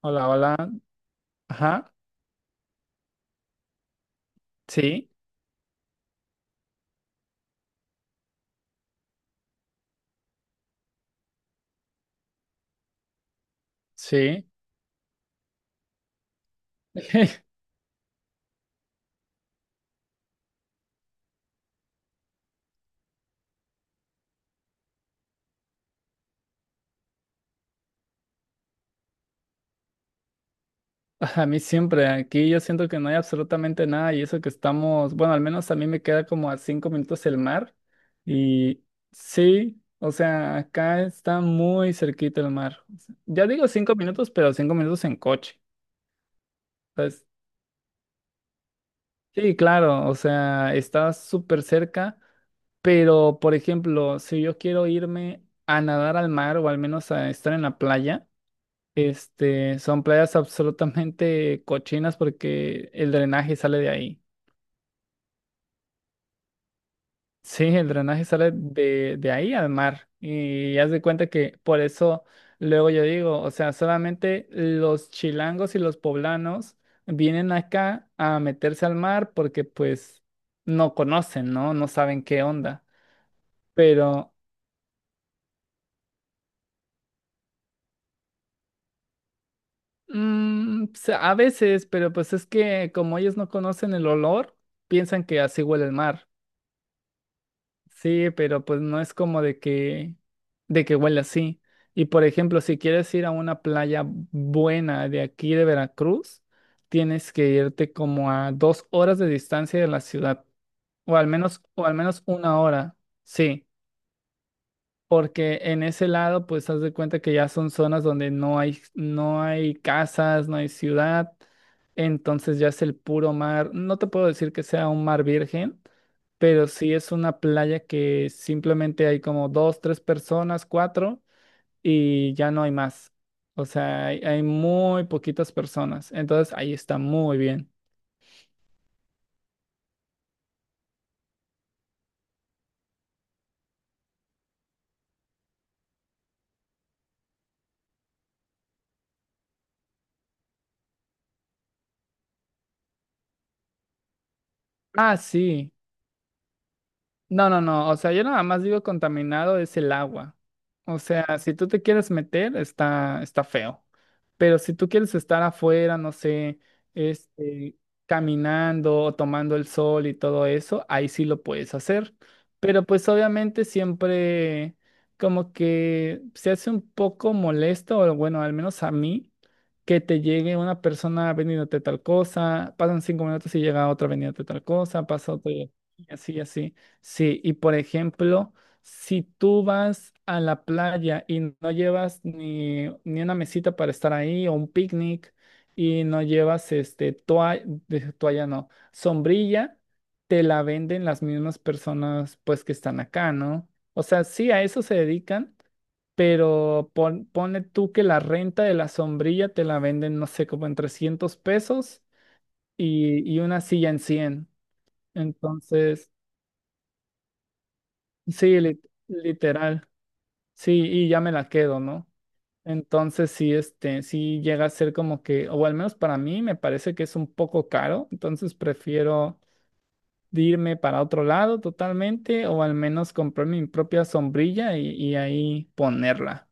Hola, hola. Ajá, sí, sí. A mí siempre, aquí yo siento que no hay absolutamente nada y eso que estamos, bueno, al menos a mí me queda como a 5 minutos el mar y sí, o sea, acá está muy cerquita el mar. O sea, ya digo 5 minutos, pero 5 minutos en coche. Entonces, sí, claro, o sea, está súper cerca, pero por ejemplo, si yo quiero irme a nadar al mar o al menos a estar en la playa. Este, son playas absolutamente cochinas porque el drenaje sale de ahí. Sí, el drenaje sale de ahí al mar. Y haz de cuenta que por eso luego yo digo, o sea, solamente los chilangos y los poblanos vienen acá a meterse al mar porque pues no conocen, ¿no? No saben qué onda. Pero a veces, pero pues es que como ellos no conocen el olor, piensan que así huele el mar. Sí, pero pues no es como de que huela así. Y por ejemplo, si quieres ir a una playa buena de aquí de Veracruz, tienes que irte como a 2 horas de distancia de la ciudad, o al menos una hora. Sí. Porque en ese lado, pues, haz de cuenta que ya son zonas donde no hay, no hay casas, no hay ciudad. Entonces ya es el puro mar. No te puedo decir que sea un mar virgen, pero sí es una playa que simplemente hay como dos, tres personas, cuatro, y ya no hay más. O sea, hay muy poquitas personas. Entonces ahí está muy bien. Ah, sí. No, no, no. O sea, yo nada más digo contaminado es el agua. O sea, si tú te quieres meter, está, está feo. Pero si tú quieres estar afuera, no sé, este, caminando o tomando el sol y todo eso, ahí sí lo puedes hacer. Pero pues obviamente siempre como que se hace un poco molesto, o bueno, al menos a mí, que te llegue una persona vendiéndote tal cosa, pasan 5 minutos y llega otra vendiéndote tal cosa, pasa otro y así, así. Sí, y por ejemplo, si tú vas a la playa y no llevas ni una mesita para estar ahí o un picnic y no llevas este toalla, toalla no, sombrilla, te la venden las mismas personas pues que están acá, ¿no? O sea, sí, a eso se dedican, pero ponle tú que la renta de la sombrilla te la venden, no sé, como en 300 pesos y una silla en cien. Entonces, sí, literal. Sí, y ya me la quedo, ¿no? Entonces sí, este, sí llega a ser como que, o al menos para mí me parece que es un poco caro, entonces prefiero de irme para otro lado totalmente, o al menos comprar mi propia sombrilla y ahí ponerla.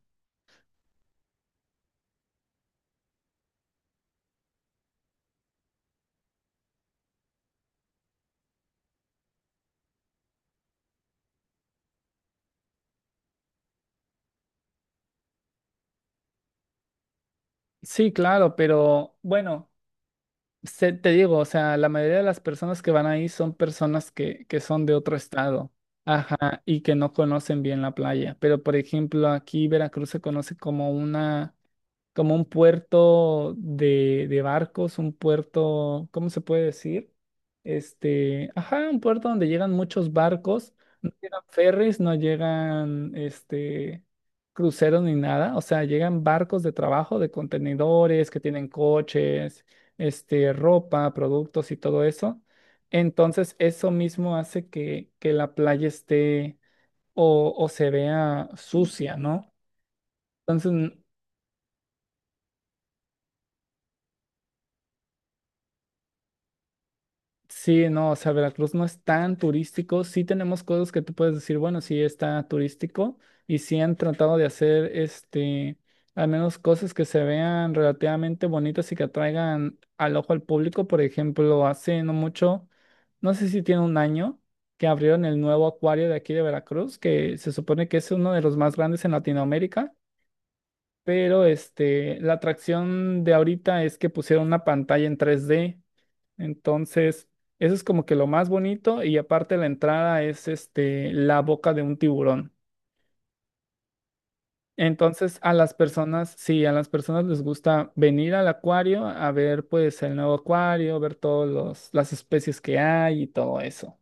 Sí, claro, pero bueno, te digo, o sea, la mayoría de las personas que van ahí son personas que son de otro estado, ajá, y que no conocen bien la playa, pero por ejemplo aquí Veracruz se conoce como una como un puerto de barcos, un puerto, ¿cómo se puede decir? Este, ajá, un puerto donde llegan muchos barcos, no llegan ferries, no llegan este cruceros ni nada, o sea, llegan barcos de trabajo, de contenedores que tienen coches, este, ropa, productos y todo eso. Entonces, eso mismo hace que la playa esté o se vea sucia, ¿no? Entonces, sí, no, o sea, Veracruz no es tan turístico. Sí tenemos cosas que tú puedes decir, bueno, sí está turístico y sí han tratado de hacer, este, al menos cosas que se vean relativamente bonitas y que atraigan al ojo al público. Por ejemplo, hace no mucho, no sé si tiene un año, que abrieron el nuevo acuario de aquí de Veracruz, que se supone que es uno de los más grandes en Latinoamérica, pero este, la atracción de ahorita es que pusieron una pantalla en 3D. Entonces, eso es como que lo más bonito y aparte la entrada es este la boca de un tiburón. Entonces, a las personas, sí, a las personas les gusta venir al acuario a ver pues el nuevo acuario, ver todas las especies que hay y todo eso.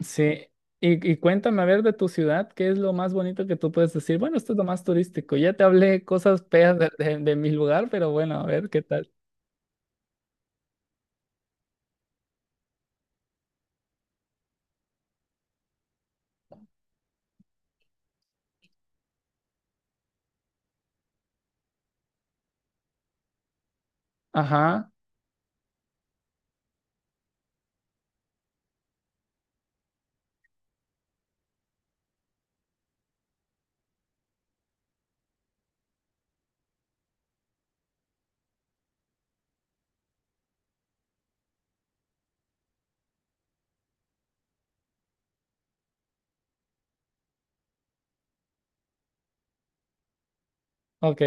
Sí. Y cuéntame, a ver, de tu ciudad, ¿qué es lo más bonito que tú puedes decir? Bueno, esto es lo más turístico. Ya te hablé cosas feas de, de mi lugar, pero bueno, a ver, ¿qué tal? Ajá, ok,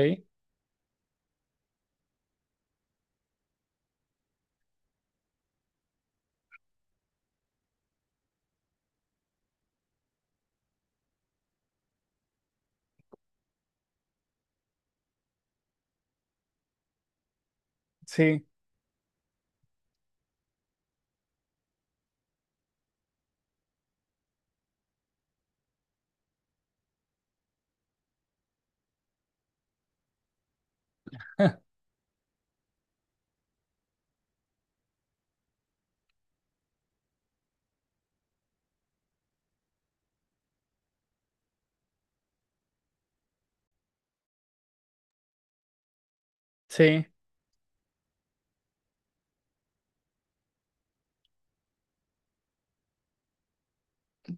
sí, sí.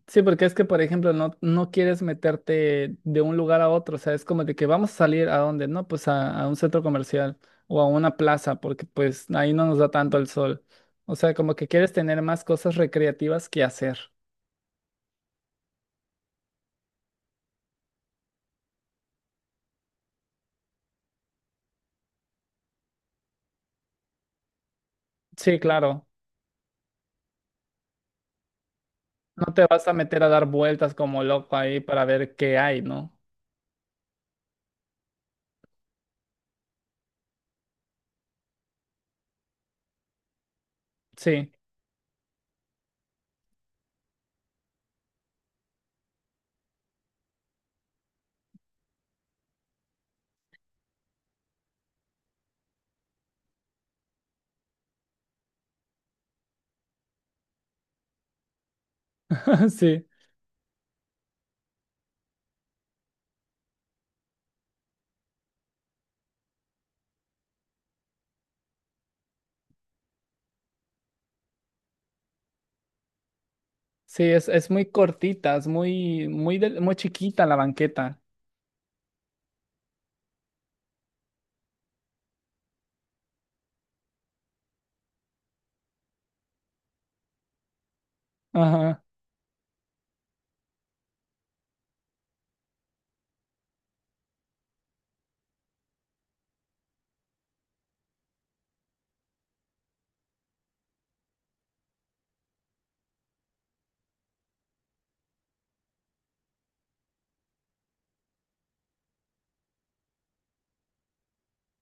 Sí, porque es que, por ejemplo, no, no quieres meterte de un lugar a otro, o sea, es como de que vamos a salir a dónde, ¿no? Pues a un centro comercial o a una plaza, porque pues ahí no nos da tanto el sol. O sea, como que quieres tener más cosas recreativas que hacer. Sí, claro, no te vas a meter a dar vueltas como loco ahí para ver qué hay, ¿no? Sí, sí, sí, es muy cortita, es muy, muy, muy chiquita la banqueta. Ajá,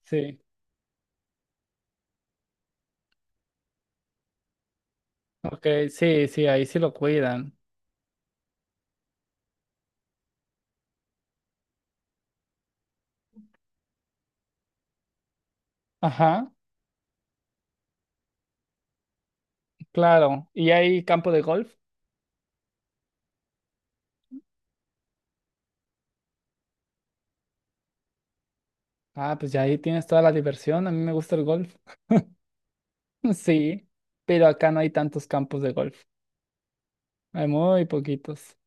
sí, ok, sí, sí, ahí sí lo cuidan. Ajá. Claro, ¿y hay campo de golf? Ah, pues ya ahí tienes toda la diversión. A mí me gusta el golf. Sí, pero acá no hay tantos campos de golf. Hay muy poquitos.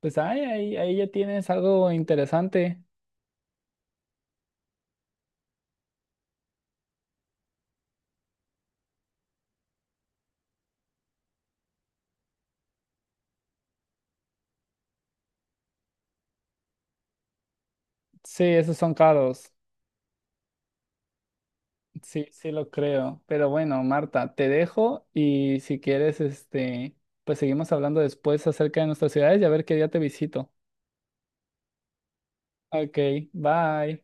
Pues ay, ahí, ahí ya tienes algo interesante. Sí, esos son caros. Sí, sí lo creo. Pero bueno, Marta, te dejo y si quieres, este, pues seguimos hablando después acerca de nuestras ciudades y a ver qué día te visito. Ok, bye.